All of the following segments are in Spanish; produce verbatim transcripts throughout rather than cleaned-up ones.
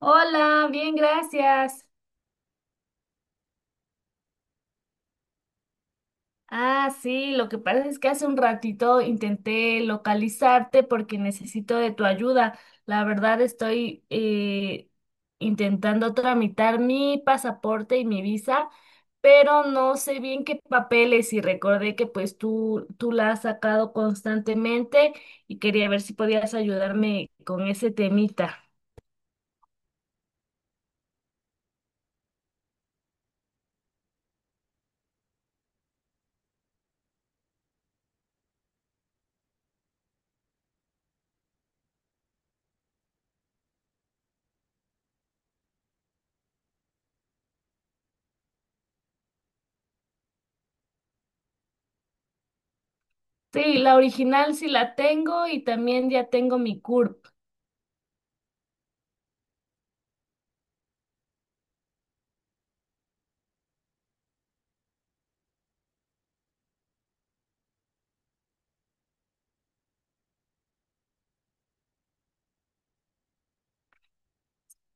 Hola, bien, gracias. Ah, sí, lo que pasa es que hace un ratito intenté localizarte porque necesito de tu ayuda. La verdad estoy eh, intentando tramitar mi pasaporte y mi visa, pero no sé bien qué papeles y recordé que pues tú, tú la has sacado constantemente y quería ver si podías ayudarme con ese temita. Sí, la original sí la tengo y también ya tengo mi CURP.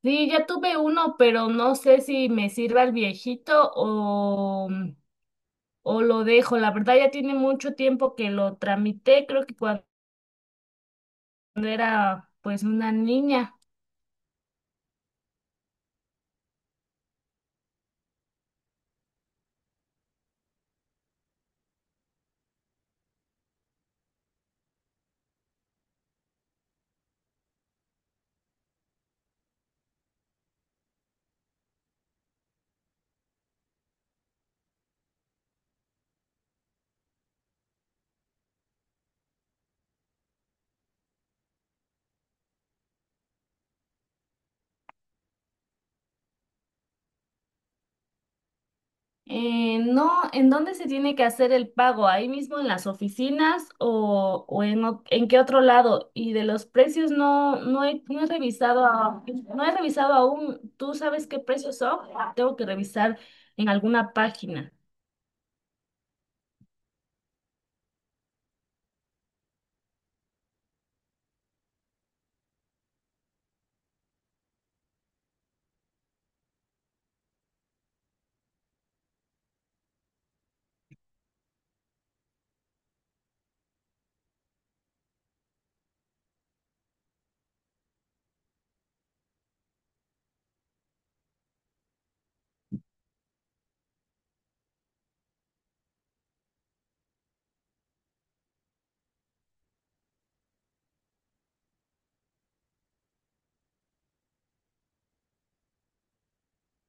Sí, ya tuve uno, pero no sé si me sirva el viejito o, o lo dejo. La verdad ya tiene mucho tiempo que lo tramité, creo que cuando era pues una niña. Eh, no, ¿en dónde se tiene que hacer el pago? ¿Ahí mismo en las oficinas o, o en, o- en qué otro lado? Y de los precios no, no he, no he revisado, a- no he revisado aún. ¿Tú sabes qué precios son? Tengo que revisar en alguna página.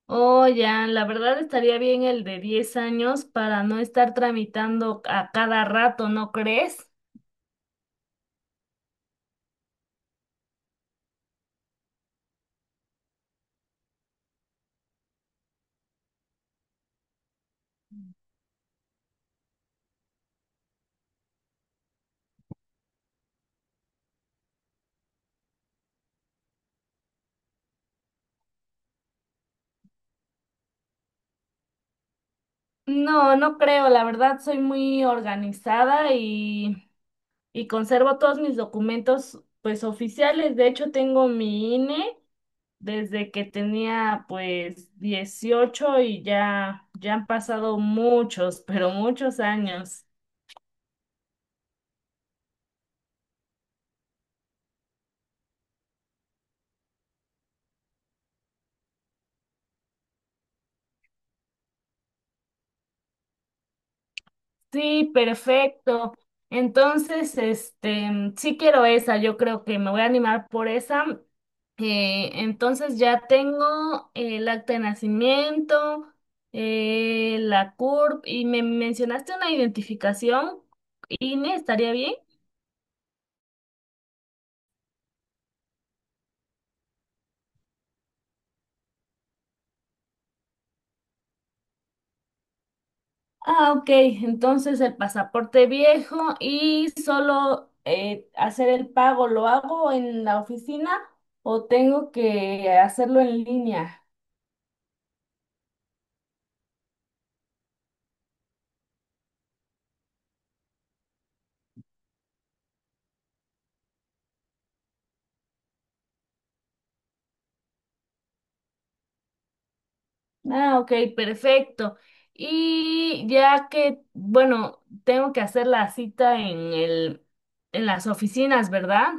Oh, ya, la verdad estaría bien el de diez años para no estar tramitando a cada rato, ¿no crees? No, no creo, la verdad soy muy organizada y, y conservo todos mis documentos pues oficiales. De hecho, tengo mi INE desde que tenía pues dieciocho y ya, ya han pasado muchos, pero muchos años. Sí, perfecto. Entonces, este, mm, sí quiero esa, yo creo que me voy a animar por esa. Eh, entonces ya tengo el acta de nacimiento, eh, la CURP y me mencionaste una identificación, INE, ¿estaría bien? Ah, ok, entonces el pasaporte viejo y solo eh, hacer el pago, ¿lo hago en la oficina o tengo que hacerlo en línea? Ah, ok, perfecto. Y ya que, bueno, tengo que hacer la cita en el, en las oficinas, ¿verdad?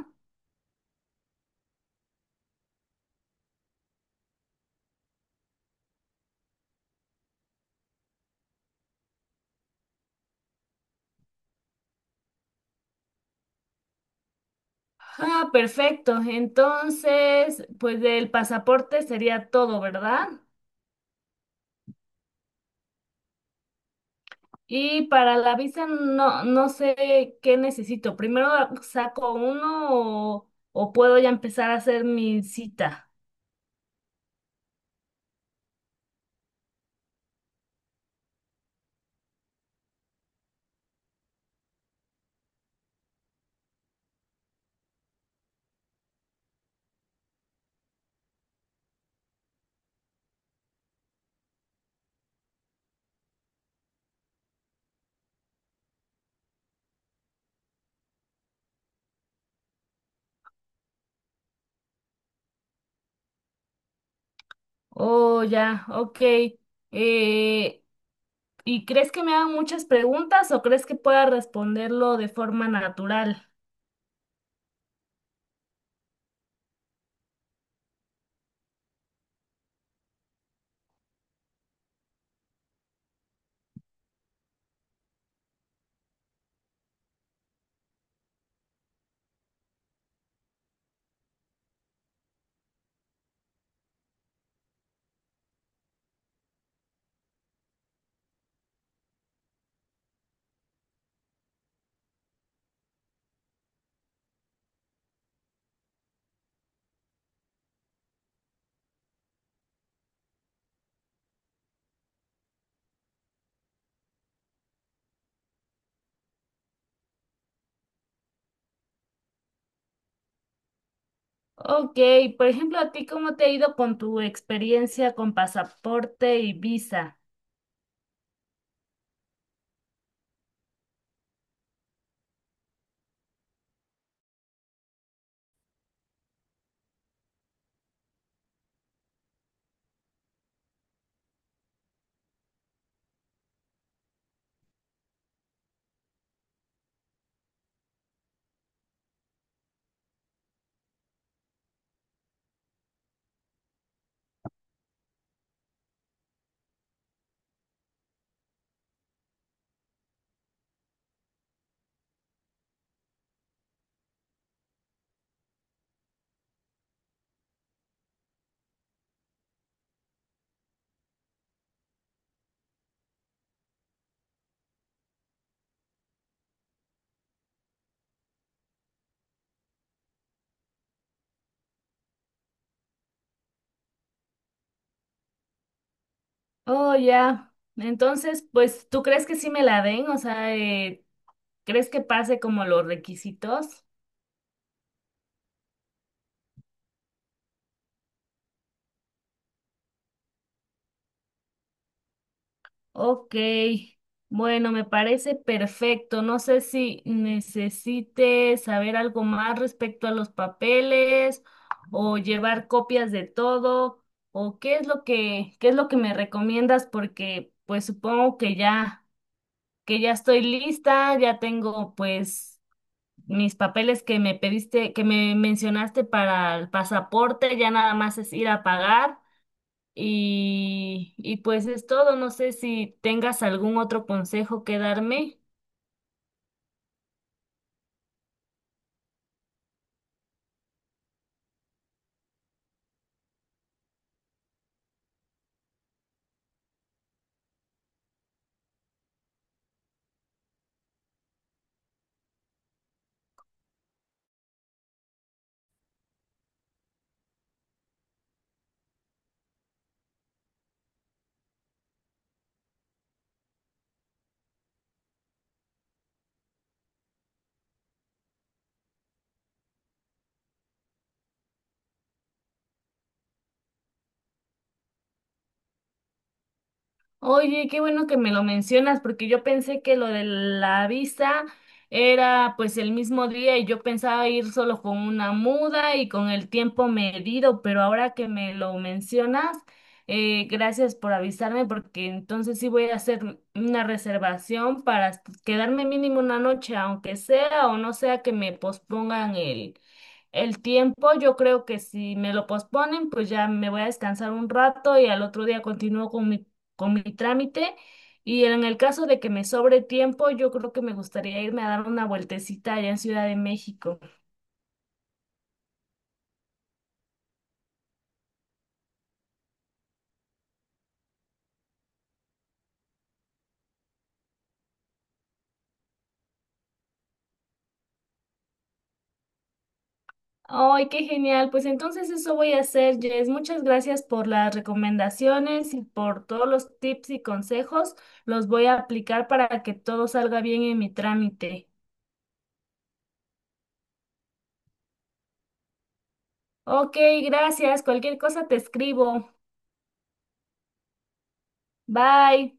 Ah, perfecto. Entonces, pues del pasaporte sería todo, ¿verdad? Y para la visa no, no sé qué necesito. ¿Primero saco uno o, o puedo ya empezar a hacer mi cita? Oh, ya, ok. Eh, ¿Y crees que me hagan muchas preguntas o crees que pueda responderlo de forma natural? Ok, por ejemplo, ¿a ti cómo te ha ido con tu experiencia con pasaporte y visa? Oh, ya. Entonces, pues, ¿tú crees que sí me la den? O sea, eh, ¿crees que pase como los requisitos? Ok, bueno, me parece perfecto. No sé si necesite saber algo más respecto a los papeles o llevar copias de todo o qué es lo que, qué es lo que me recomiendas porque pues supongo que ya, que ya estoy lista, ya tengo pues mis papeles que me pediste, que me mencionaste para el pasaporte, ya nada más es ir a pagar. Y, y pues es todo. No sé si tengas algún otro consejo que darme. Oye, qué bueno que me lo mencionas, porque yo pensé que lo de la visa era pues el mismo día y yo pensaba ir solo con una muda y con el tiempo medido, pero ahora que me lo mencionas, eh, gracias por avisarme, porque entonces sí voy a hacer una reservación para est- quedarme mínimo una noche, aunque sea o no sea que me pospongan el, el tiempo. Yo creo que si me lo posponen, pues ya me voy a descansar un rato y al otro día continúo con mi con mi trámite y en el caso de que me sobre tiempo, yo creo que me gustaría irme a dar una vueltecita allá en Ciudad de México. ¡Ay, qué genial! Pues entonces eso voy a hacer, Jess. Muchas gracias por las recomendaciones y por todos los tips y consejos. Los voy a aplicar para que todo salga bien en mi trámite. Ok, gracias. Cualquier cosa te escribo. Bye.